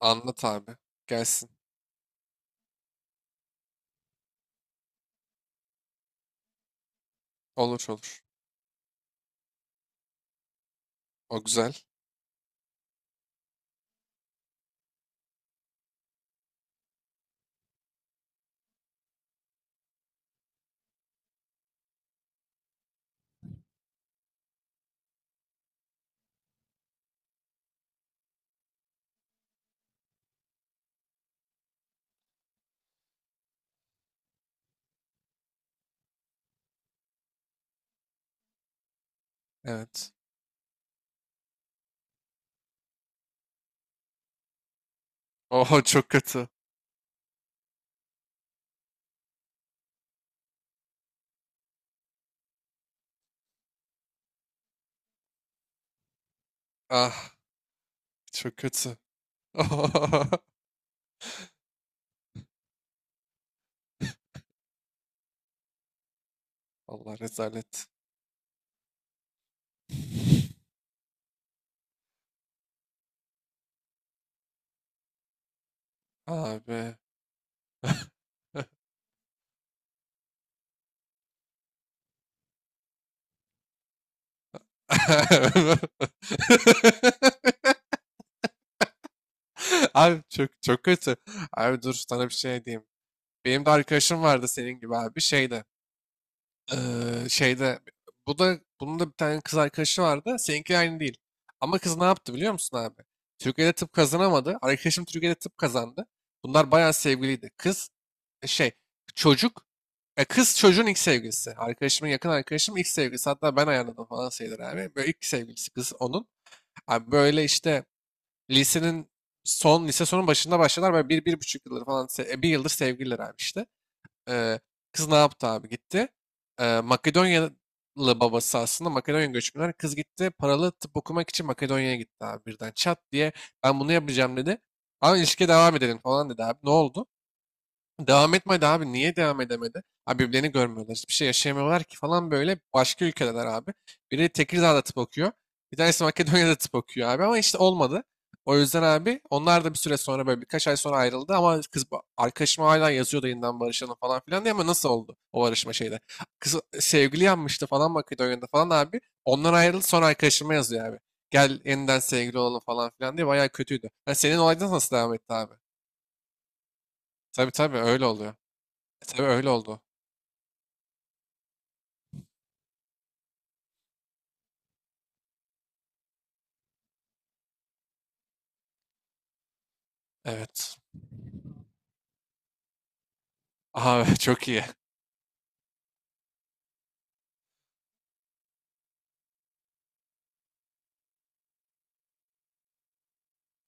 Anlat abi. Gelsin. Olur olur. O güzel. Evet. Oho, çok kötü. Ah, çok kötü. Allah rezalet. Abi. Abi çok çok kötü. Abi dur, sana bir şey diyeyim. Benim de arkadaşım vardı senin gibi abi şeyde. Şeyde bu da bunun da bir tane kız arkadaşı vardı. Seninki aynı değil. Ama kız ne yaptı biliyor musun abi? Türkiye'de tıp kazanamadı. Arkadaşım Türkiye'de tıp kazandı. Bunlar bayağı sevgiliydi. Kız e, şey çocuk e, Kız çocuğun ilk sevgilisi. Arkadaşımın, yakın arkadaşım, ilk sevgilisi. Hatta ben ayarladım falan sayılır abi. Böyle ilk sevgilisi kız onun. Abi böyle işte lisenin lise sonun başında başladılar. Böyle bir, 1,5 yıldır falan bir yıldır sevgililer abi işte. Ee, kız ne yaptı abi? Gitti. Makedonyalı, babası aslında Makedonya göçmenler. Kız gitti, paralı tıp okumak için Makedonya'ya gitti abi birden. Çat diye ben bunu yapacağım dedi. Ama ilişkiye devam edelim falan dedi abi. Ne oldu? Devam etmedi abi. Niye devam edemedi? Abi birbirlerini görmüyorlar. Hiçbir şey yaşayamıyorlar ki falan böyle. Başka ülkedeler abi. Biri Tekirdağ'da tıp okuyor. Bir tanesi Makedonya'da tıp okuyor abi. Ama işte olmadı. O yüzden abi onlar da bir süre sonra, böyle birkaç ay sonra ayrıldı. Ama arkadaşım hala yazıyordu, yeniden barışalım falan filan diye. Ama nasıl oldu o barışma şeyde? Kız sevgili yanmıştı falan Makedonya'da falan abi. Ondan ayrıldı, sonra arkadaşıma yazıyor abi. Gel yeniden sevgili olalım falan filan diye. Bayağı kötüydü. Yani senin olaydan nasıl devam etti abi? Tabii tabii, öyle oluyor. Tabii öyle oldu. Evet. Aha, çok iyi.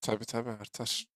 Tabii tabii artar.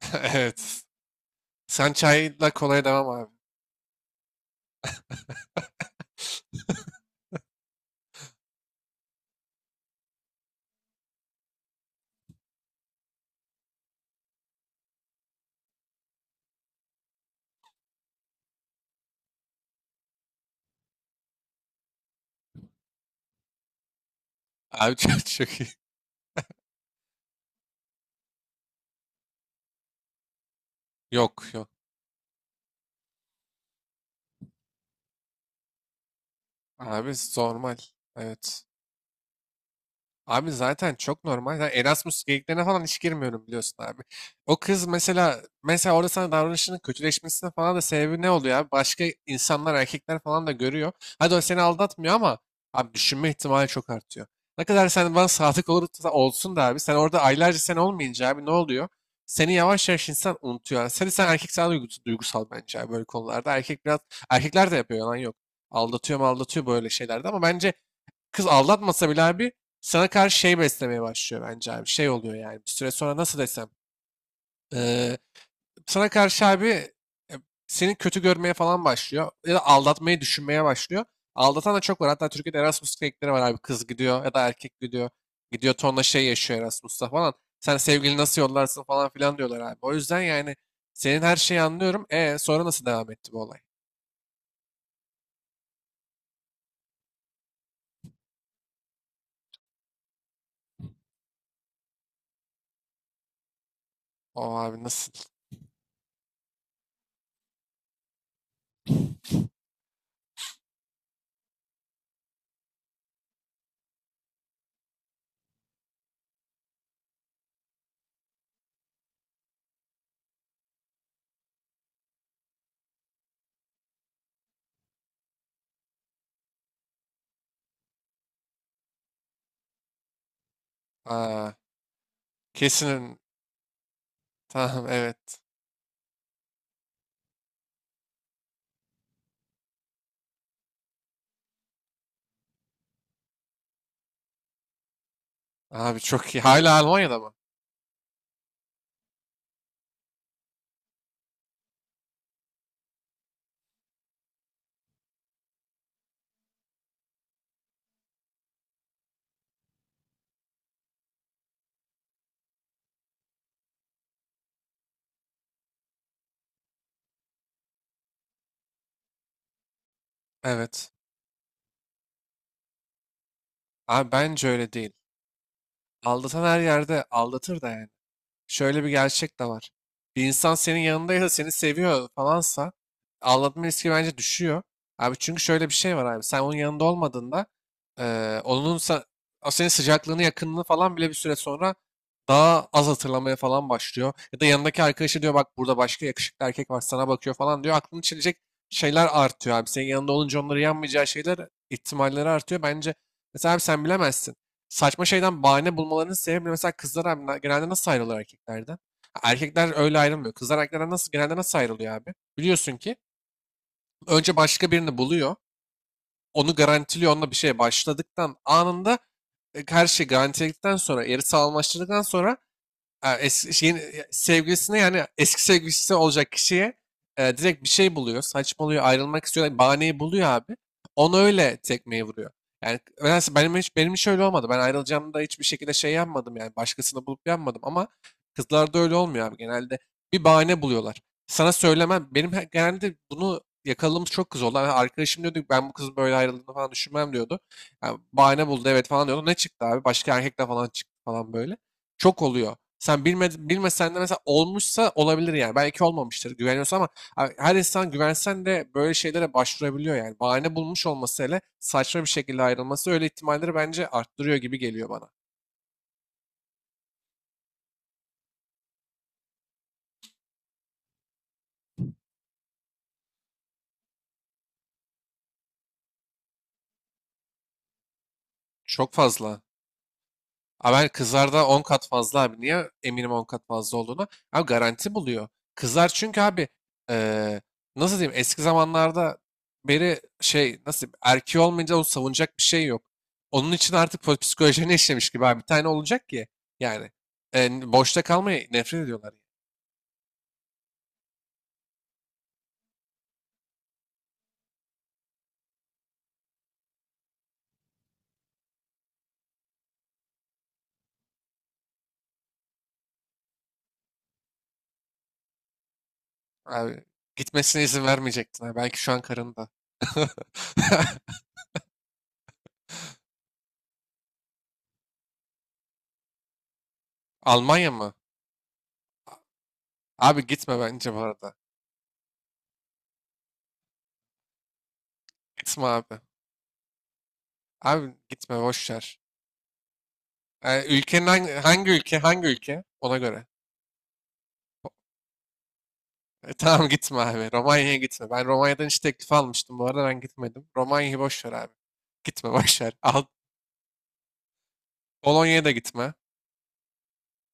Evet. Sen çayla kolaya devam abi. Abi çok, çok iyi. Yok yok. Abi normal. Evet. Abi zaten çok normal. Yani Erasmus geyiklerine falan hiç girmiyorum, biliyorsun abi. O kız mesela orada sana davranışının kötüleşmesine falan da sebebi ne oluyor abi? Başka insanlar, erkekler falan da görüyor. Hadi o seni aldatmıyor ama abi düşünme ihtimali çok artıyor. Ne kadar sen bana sadık olursa olsun da abi, sen orada aylarca sen olmayınca abi ne oluyor? Seni yavaş yavaş insan unutuyor. Yani seni sen erkek sana duygusal bence abi böyle konularda. Erkek biraz, erkekler de yapıyor, yalan yok. Aldatıyor mu aldatıyor böyle şeylerde, ama bence kız aldatmasa bile abi sana karşı şey beslemeye başlıyor bence abi. Şey oluyor yani bir süre sonra, nasıl desem. eee, sana karşı abi, e, seni kötü görmeye falan başlıyor. Ya da aldatmayı düşünmeye başlıyor. Aldatan da çok var. Hatta Türkiye'de Erasmus klinikleri var abi. Kız gidiyor ya da erkek gidiyor. Gidiyor tonla şey yaşıyor Erasmus'ta falan. Sen sevgili nasıl yollarsın falan filan diyorlar abi. O yüzden yani, senin her şeyi anlıyorum. Sonra nasıl devam etti bu olay? O abi nasıl? Aa, kesin, tamam, evet. Abi çok iyi. Hala Almanya'da mı? Evet. Abi bence öyle değil. Aldatan her yerde aldatır da yani, şöyle bir gerçek de var. Bir insan senin yanındaysa, seni seviyor falansa, aldatma riski bence düşüyor. Abi çünkü şöyle bir şey var abi. Sen onun yanında olmadığında, eee onun sa- o senin sıcaklığını, yakınlığını falan bile bir süre sonra daha az hatırlamaya falan başlıyor. Ya da yanındaki arkadaşı diyor, bak burada başka yakışıklı erkek var, sana bakıyor falan diyor. Aklını çelecek şeyler artıyor abi. Senin yanında olunca onları yanmayacağı şeyler, ihtimalleri artıyor. Bence mesela abi, sen bilemezsin saçma şeyden bahane bulmalarının sebebi; mesela kızlar abi genelde nasıl ayrılıyor erkeklerden? Erkekler öyle ayrılmıyor. Kızlar erkeklerden nasıl, genelde nasıl ayrılıyor abi? Biliyorsun ki önce başka birini buluyor. Onu garantiliyor. Onunla bir şeye başladıktan anında, her şey garantiledikten sonra, yarı sağlamlaştırdıktan sonra, ha, eski şeyin sevgilisine, yani eski sevgilisi olacak kişiye, direkt bir şey buluyor. Saçmalıyor, ayrılmak istiyor. Bahaneyi buluyor abi. Onu öyle tekmeyi vuruyor. Yani nedense benim hiç öyle olmadı. Ben ayrılacağımda hiçbir şekilde şey yapmadım yani. Başkasını bulup yapmadım, ama kızlarda öyle olmuyor abi. Genelde bir bahane buluyorlar. Sana söylemem. Genelde bunu yakaladığımız çok kız oldu. Yani arkadaşım diyordu ki, ben bu kızın böyle ayrıldığını falan düşünmem diyordu. Yani bahane buldu evet falan diyordu. Ne çıktı abi? Başka erkekle falan çıktı falan böyle. Çok oluyor. Sen bilme, bilmesen de mesela, olmuşsa olabilir yani. Belki olmamıştır, güveniyorsun, ama her insan, güvensen de böyle şeylere başvurabiliyor yani. Bahane bulmuş olması, hele saçma bir şekilde ayrılması, öyle ihtimalleri bence arttırıyor gibi geliyor bana. Çok fazla. Abi ben kızlarda 10 kat fazla abi. Niye eminim 10 kat fazla olduğunu? Abi garanti buluyor. Kızlar çünkü abi, eee, nasıl diyeyim, eski zamanlarda beri şey, nasıl diyeyim, erkeği olmayınca onu savunacak bir şey yok. Onun için artık psikolojilerine işlemiş gibi abi. Bir tane olacak ki yani, boşta kalmayı nefret ediyorlar. Abi gitmesine izin vermeyecektin. Ha. Belki şu an karında. Almanya mı? Abi gitme bence bu arada. Gitme abi. Abi gitme, boş ver. Ülkenin hangi ülke, hangi ülke ona göre. Tamam gitme abi. Romanya'ya gitme. Ben Romanya'dan hiç teklif almıştım. Bu arada ben gitmedim. Romanya'yı boş ver abi. Gitme boş ver. Al, Polonya'ya da gitme.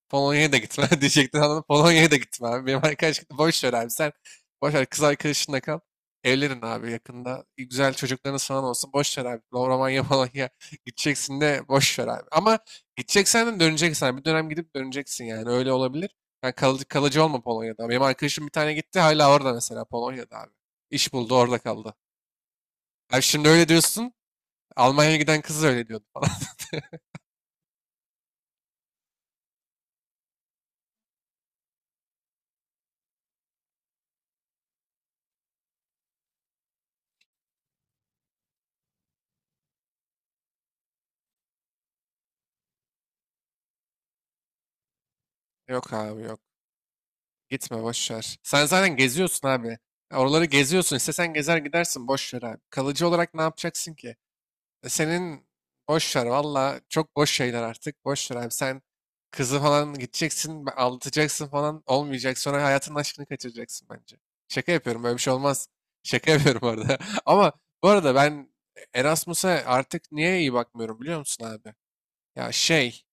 Polonya'ya da gitme diyecektin, anladın mı? Polonya'ya da gitme abi. Benim arkadaş, boş ver abi, sen boş ver kız arkadaşınla kal. Evlenin abi yakında. Güzel çocuklarınız falan olsun. Boş ver abi. Romanya, Polonya gideceksin de boş ver abi. Ama gideceksen de döneceksin abi. Bir dönem gidip döneceksin yani. Öyle olabilir. Yani kalıcı, kalıcı olma Polonya'da. Benim arkadaşım bir tane gitti, hala orada mesela, Polonya'da abi. İş buldu, orada kaldı. Abi şimdi öyle diyorsun. Almanya'ya giden kız da öyle diyordu falan. Yok abi yok. Gitme, boş ver. Sen zaten geziyorsun abi. Ya oraları geziyorsun. İstesen gezer gidersin. Boş ver abi. Kalıcı olarak ne yapacaksın ki? Senin boş ver. Valla çok boş şeyler artık. Boş ver abi. Sen kızı falan gideceksin, aldatacaksın falan. Olmayacak. Sonra hayatının aşkını kaçıracaksın bence. Şaka yapıyorum. Böyle bir şey olmaz. Şaka yapıyorum bu arada. Ama bu arada ben Erasmus'a artık niye iyi bakmıyorum biliyor musun abi? Ya, şey.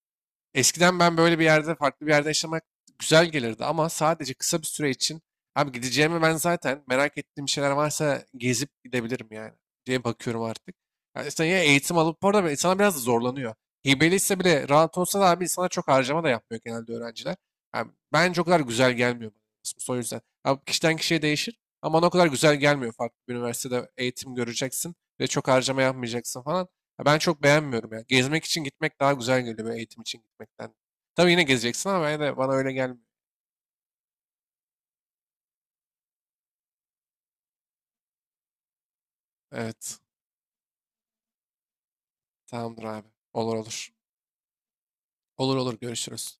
Eskiden ben böyle bir yerde, farklı bir yerde yaşamak güzel gelirdi, ama sadece kısa bir süre için abi, gideceğimi, ben zaten merak ettiğim şeyler varsa gezip gidebilirim yani diye bakıyorum artık. Yani işte ya, eğitim alıp bu arada insana biraz da zorlanıyor. Hibeli bile rahat olsa da abi, insana çok harcama da yapmıyor genelde öğrenciler. Yani bence o kadar güzel gelmiyor bana Erasmus, o yüzden. Abi kişiden kişiye değişir, ama bana o kadar güzel gelmiyor farklı bir üniversitede eğitim göreceksin ve çok harcama yapmayacaksın falan. Ya, ben çok beğenmiyorum ya. Gezmek için gitmek daha güzel geliyor böyle eğitim için gitmekten. Tabii yine gezeceksin, ama ben de, bana öyle gelmiyor. Evet. Tamamdır abi. Olur olur. Olur olur, görüşürüz.